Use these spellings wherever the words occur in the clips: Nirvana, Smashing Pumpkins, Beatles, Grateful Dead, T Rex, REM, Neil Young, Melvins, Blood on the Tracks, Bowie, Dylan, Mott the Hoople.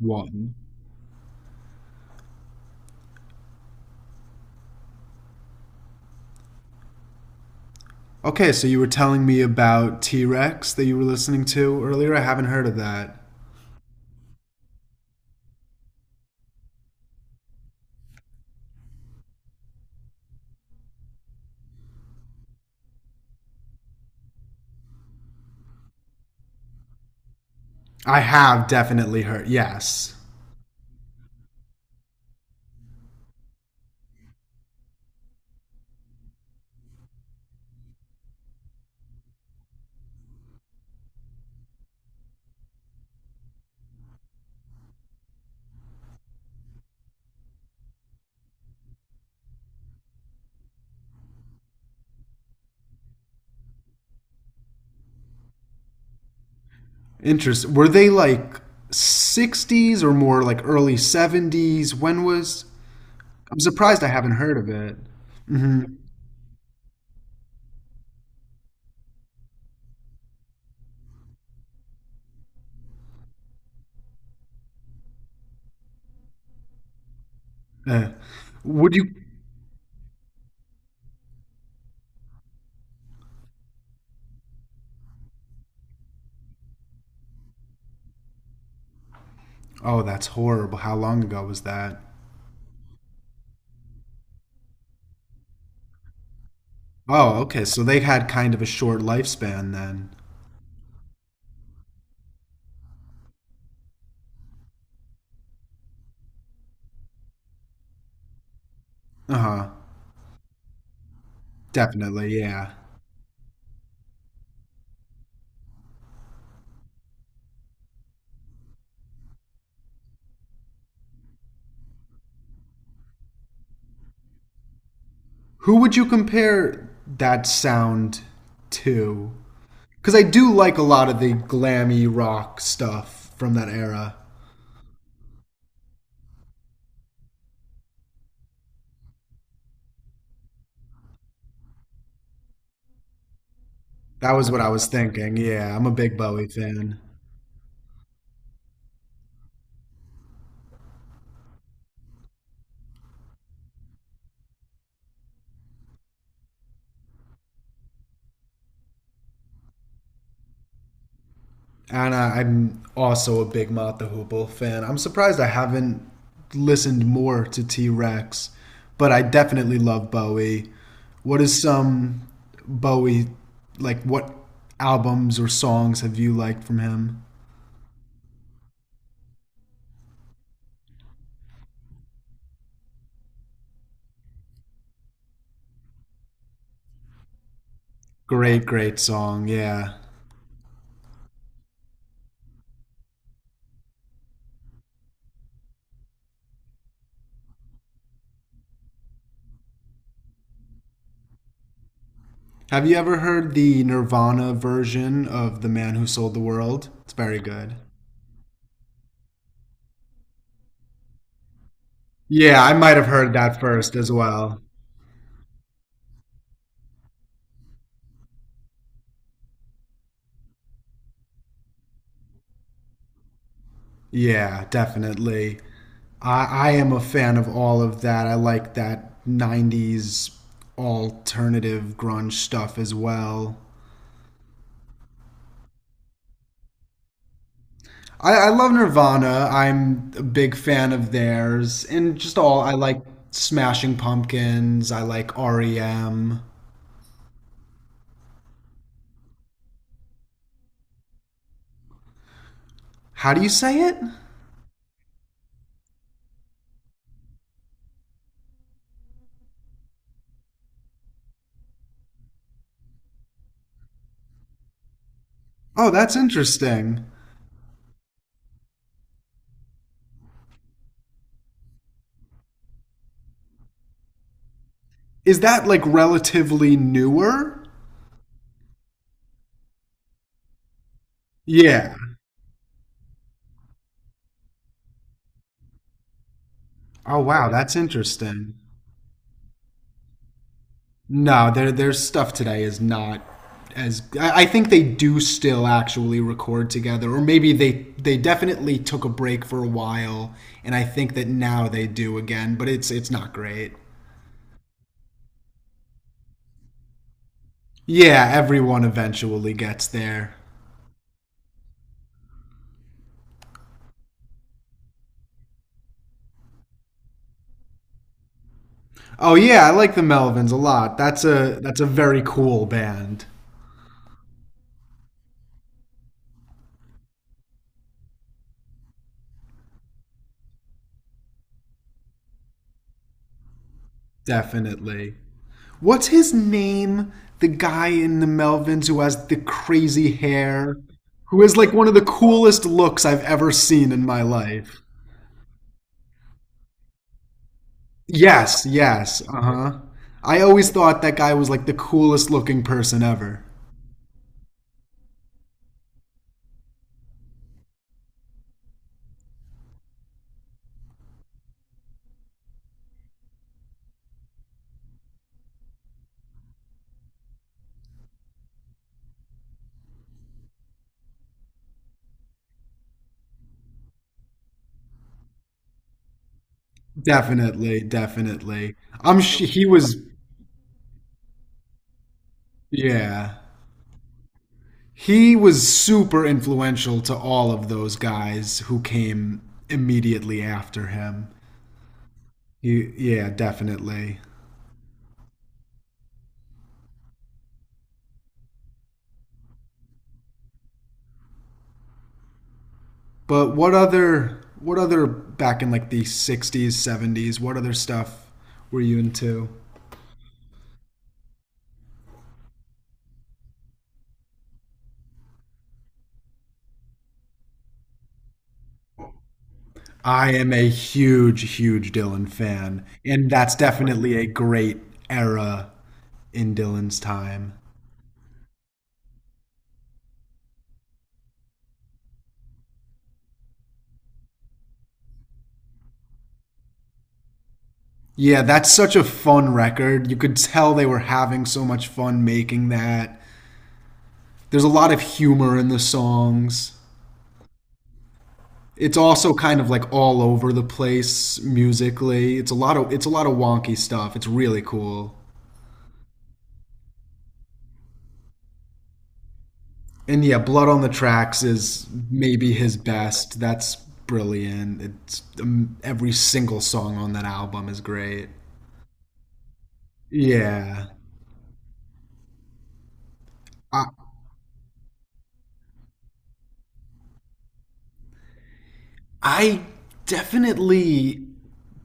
One. Okay, so you were telling me about T Rex that you were listening to earlier. I haven't heard of that. I have definitely heard. Yes. Interesting. Were they like 60s or more like early 70s? When was? I'm surprised I haven't heard of it. hmm Uh, would you? Oh, that's horrible. How long ago was that? Oh, okay. So they had kind of a short lifespan then. Uh huh. Definitely. Yeah. Who would you compare that sound to? Because I do like a lot of the glammy rock stuff from that era. That was what I was thinking. Yeah, I'm a big Bowie fan. And I'm also a big Mott the Hoople fan. I'm surprised I haven't listened more to T Rex, but I definitely love Bowie. What is some Bowie, like, what albums or songs have you liked from him? Great, great song. Yeah. Have you ever heard the Nirvana version of The Man Who Sold the World? It's very good. Yeah, I might have heard that first as well. Yeah, definitely. I am a fan of all of that. I like that 90s alternative grunge stuff as well. I love Nirvana. I'm a big fan of theirs. And just all, I like Smashing Pumpkins. I like REM. How do you say it? Oh, that's interesting. Is that like relatively newer? Yeah. Oh wow, that's interesting. No, their stuff today is not as I think they do still actually record together, or maybe they definitely took a break for a while, and I think that now they do again, but it's not great. Yeah, everyone eventually gets there. Oh yeah, I like the Melvins a lot. That's a very cool band. Definitely. What's his name? The guy in the Melvins who has the crazy hair, who is like one of the coolest looks I've ever seen in my life. Yes, yes, uh-huh. I always thought that guy was like the coolest looking person ever. Definitely, definitely. I'm sh He was, yeah. He was super influential to all of those guys who came immediately after him. He, yeah, definitely. But what other back in like the 60s, 70s, what other stuff were you into? I am a huge huge Dylan fan, and that's definitely a great era in Dylan's time. Yeah, that's such a fun record. You could tell they were having so much fun making that. There's a lot of humor in the songs. It's also kind of like all over the place musically. It's a lot of wonky stuff. It's really cool. And yeah, Blood on the Tracks is maybe his best. That's brilliant. It's every single song on that album is great. Yeah. I, I definitely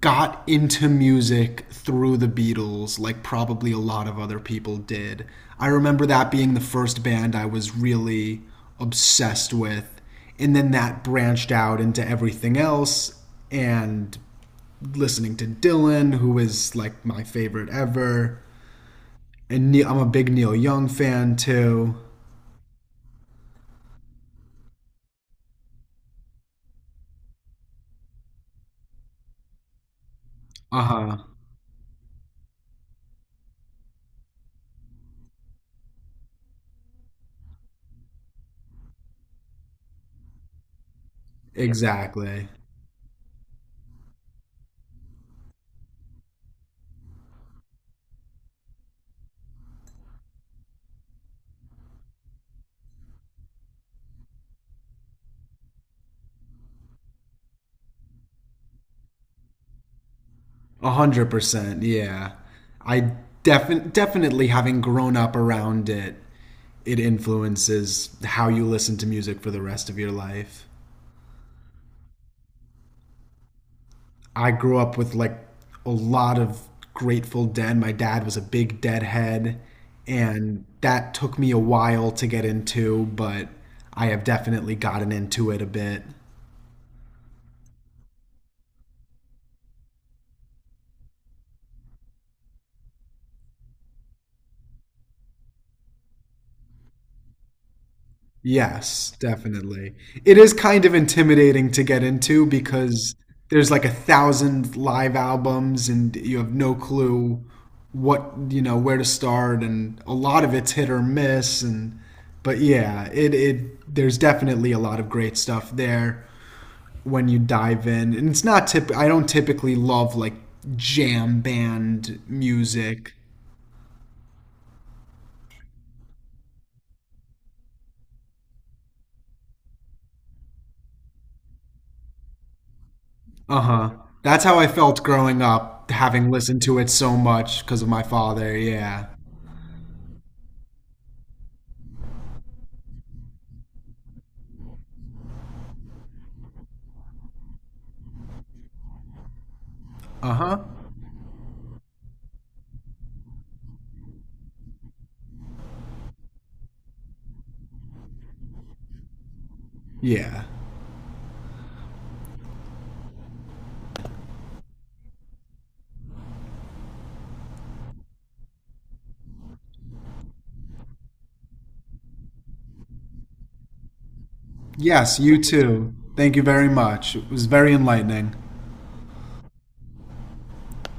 got into music through the Beatles, like probably a lot of other people did. I remember that being the first band I was really obsessed with. And then that branched out into everything else. And listening to Dylan, who is like my favorite ever. And Neil, I'm a big Neil Young fan too. Uh huh. Exactly. 100%. Yeah. I Definitely having grown up around it, it influences how you listen to music for the rest of your life. I grew up with like a lot of Grateful Dead. My dad was a big Deadhead, and that took me a while to get into, but I have definitely gotten into it a bit. Yes, definitely. It is kind of intimidating to get into because there's like a thousand live albums and you have no clue what, you know, where to start, and a lot of it's hit or miss, and but yeah, it there's definitely a lot of great stuff there when you dive in. And it's not tip I don't typically love like jam band music. Uh huh. That's how I felt growing up, having listened to it so much because of my father. Yeah. Uh huh. Yeah. Yes, you too. Thank you very much. It was very enlightening.